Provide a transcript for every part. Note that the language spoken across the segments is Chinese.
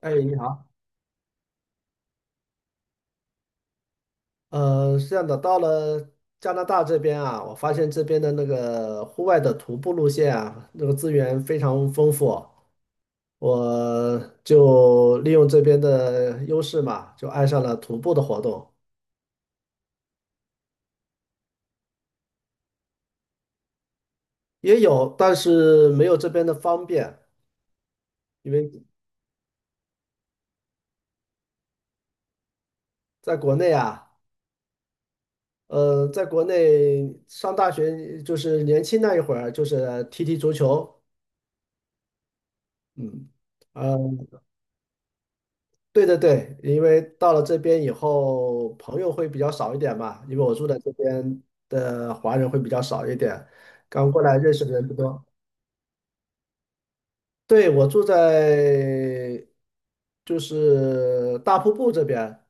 哎，你好，是这样的，到了加拿大这边啊，我发现这边的那个户外的徒步路线啊，那个资源非常丰富，我就利用这边的优势嘛，就爱上了徒步的活动，也有，但是没有这边的方便，因为在国内啊，在国内上大学就是年轻那一会儿，就是踢踢足球，嗯。呃对对对，因为到了这边以后，朋友会比较少一点嘛，因为我住在这边的华人会比较少一点，刚过来认识的人不多。对，我住在大瀑布这边，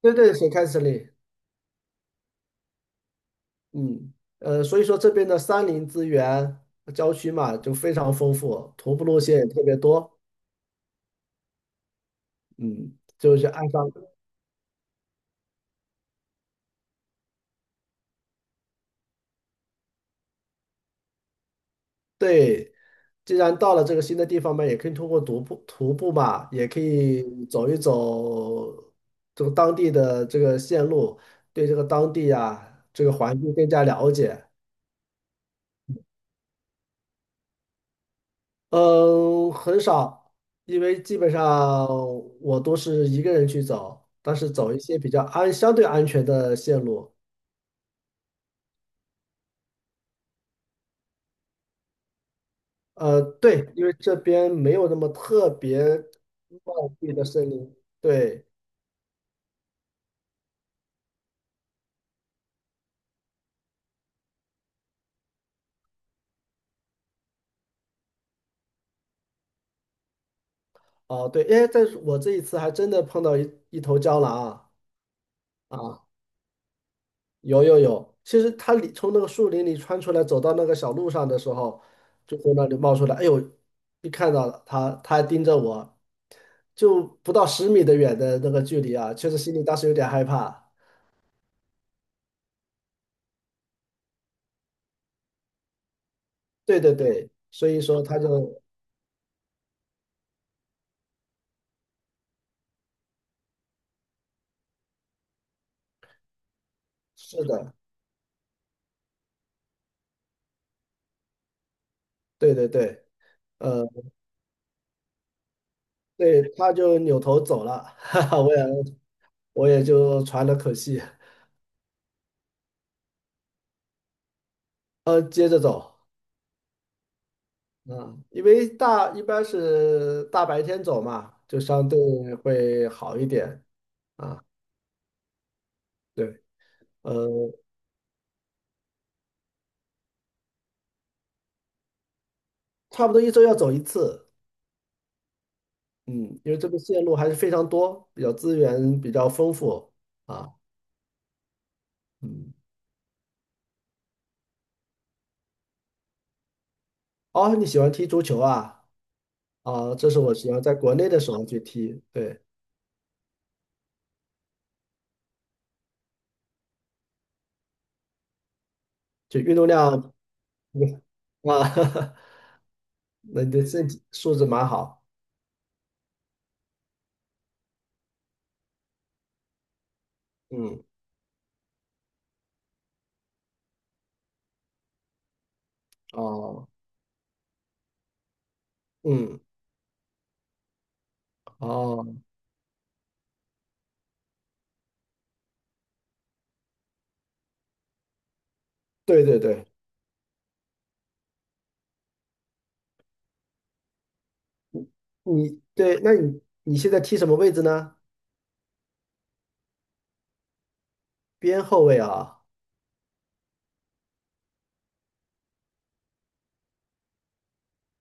对对，水开始，里，嗯，所以说这边的山林资源、郊区嘛，就非常丰富，徒步路线也特别多，嗯，就是按上。对，既然到了这个新的地方嘛，也可以通过徒步嘛，也可以走一走这个当地的这个线路，对这个当地啊这个环境更加了解。嗯，很少，因为基本上我都是一个人去走，但是走一些比较安相对安全的线路。对，因为这边没有那么特别茂密的森林，对。哦，对，哎，但是我这一次还真的碰到一头郊狼啊啊，有，其实它里从那个树林里穿出来，走到那个小路上的时候，就从那里冒出来，哎呦，一看到了它，它还盯着我，就不到十米的远的那个距离啊，确实心里当时有点害怕。对对对，所以说它就是的，对对对，呃，对，它就扭头走了，哈哈，我也就喘了口气，接着走。嗯，因为大一般是大白天走嘛，就相对会好一点啊。对，呃，差不多一周要走一次，嗯，因为这个线路还是非常多，比较资源比较丰富啊。嗯，哦，你喜欢踢足球啊？啊，这是我喜欢在国内的时候去踢，对，就运动量啊，那你的身体素质蛮好。嗯，哦，嗯，哦，对对对。你对，那你现在踢什么位置呢？边后卫啊，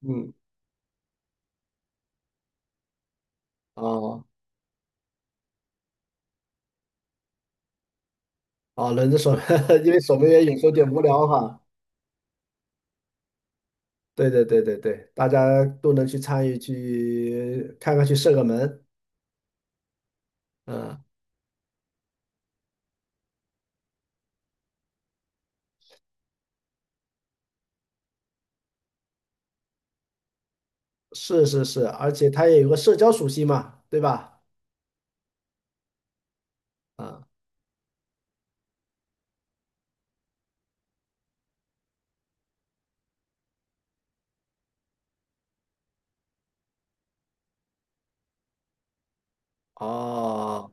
嗯，哦哦，轮着守门，因为守门员有时候有点无聊哈。对对对对对，大家都能去参与，去看看，去射个门，嗯，是是是，而且他也有个社交属性嘛，对吧？啊、哦，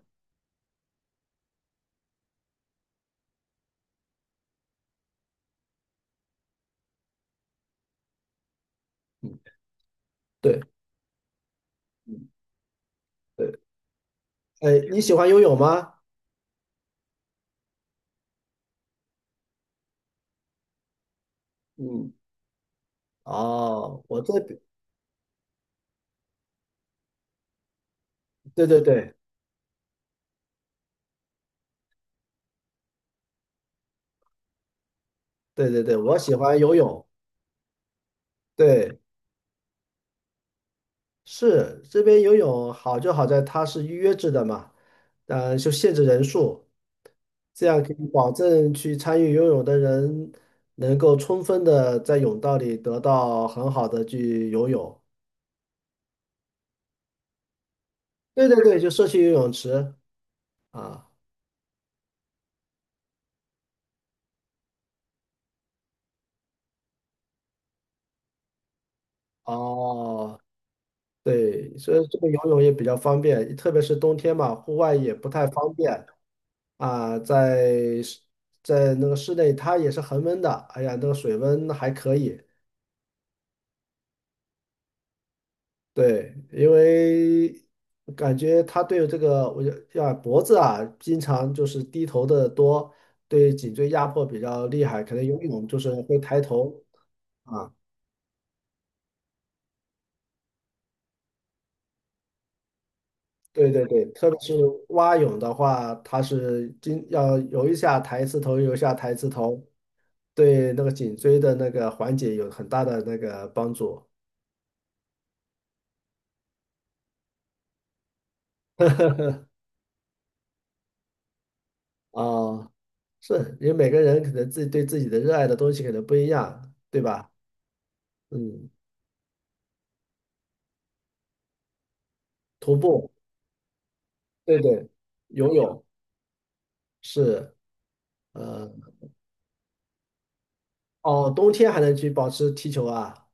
嗯，对，嗯对，哎，你喜欢游泳吗？嗯，哦，我这，对对对对对对，我喜欢游泳，对。是这边游泳好就好在它是预约制的嘛，就限制人数，这样可以保证去参与游泳的人能够充分的在泳道里得到很好的去游泳。对对对，就社区游泳池啊，哦，对，所以这个游泳也比较方便，特别是冬天嘛，户外也不太方便啊，在那个室内它也是恒温的，哎呀，那个水温还可以。对，因为感觉他对这个，我就要脖子啊，经常就是低头的多，对颈椎压迫比较厉害。可能游泳就是会抬头啊，对对对，特别是蛙泳的话，它是经要游一下抬一次头，游一下抬一次头，对那个颈椎的那个缓解有很大的那个帮助啊。是，因为每个人可能自己对自己的热爱的东西可能不一样，对吧？嗯，徒步。对对，游泳是，呃，哦，冬天还能去保持踢球啊，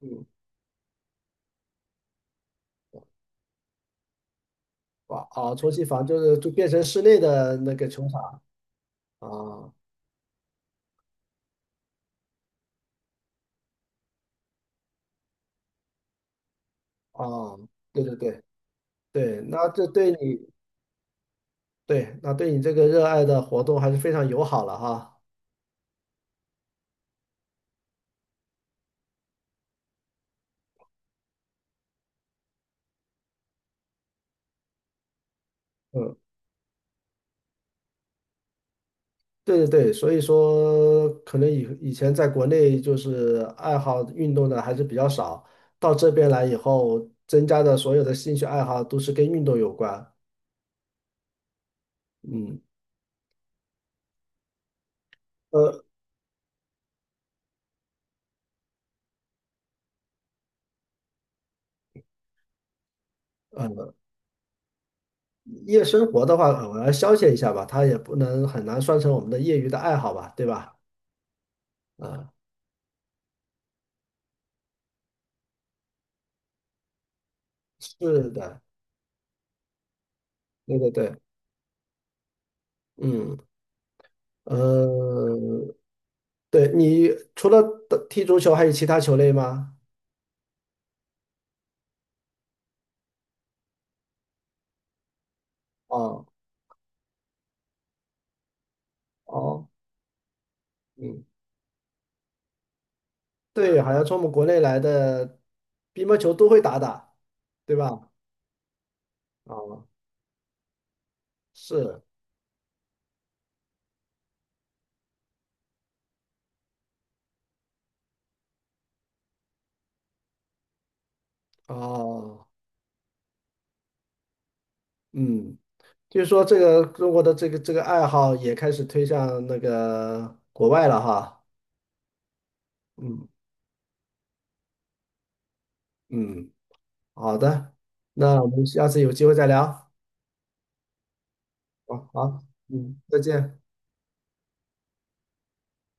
嗯，哇，哦，充气房就是就变成室内的那个球场啊，啊，对对对对，那这对你对，那对你这个热爱的活动还是非常友好了哈，嗯，对对对，所以说可能以前在国内就是爱好运动的还是比较少，到这边来以后，增加的所有的兴趣爱好都是跟运动有关，嗯。呃，呃，夜生活的话，我尔消遣一下吧，它也不能很难算成我们的业余的爱好吧，对吧？啊，是的，对对对，嗯，呃，对，你除了踢足球，还有其他球类吗？哦哦，嗯，对，好像从我们国内来的乒乓球都会打打，对吧？哦，是，哦，嗯，就是说这个中国的这个这个爱好也开始推向那个国外了哈，嗯嗯。好的，那我们下次有机会再聊。好，好，嗯，再见。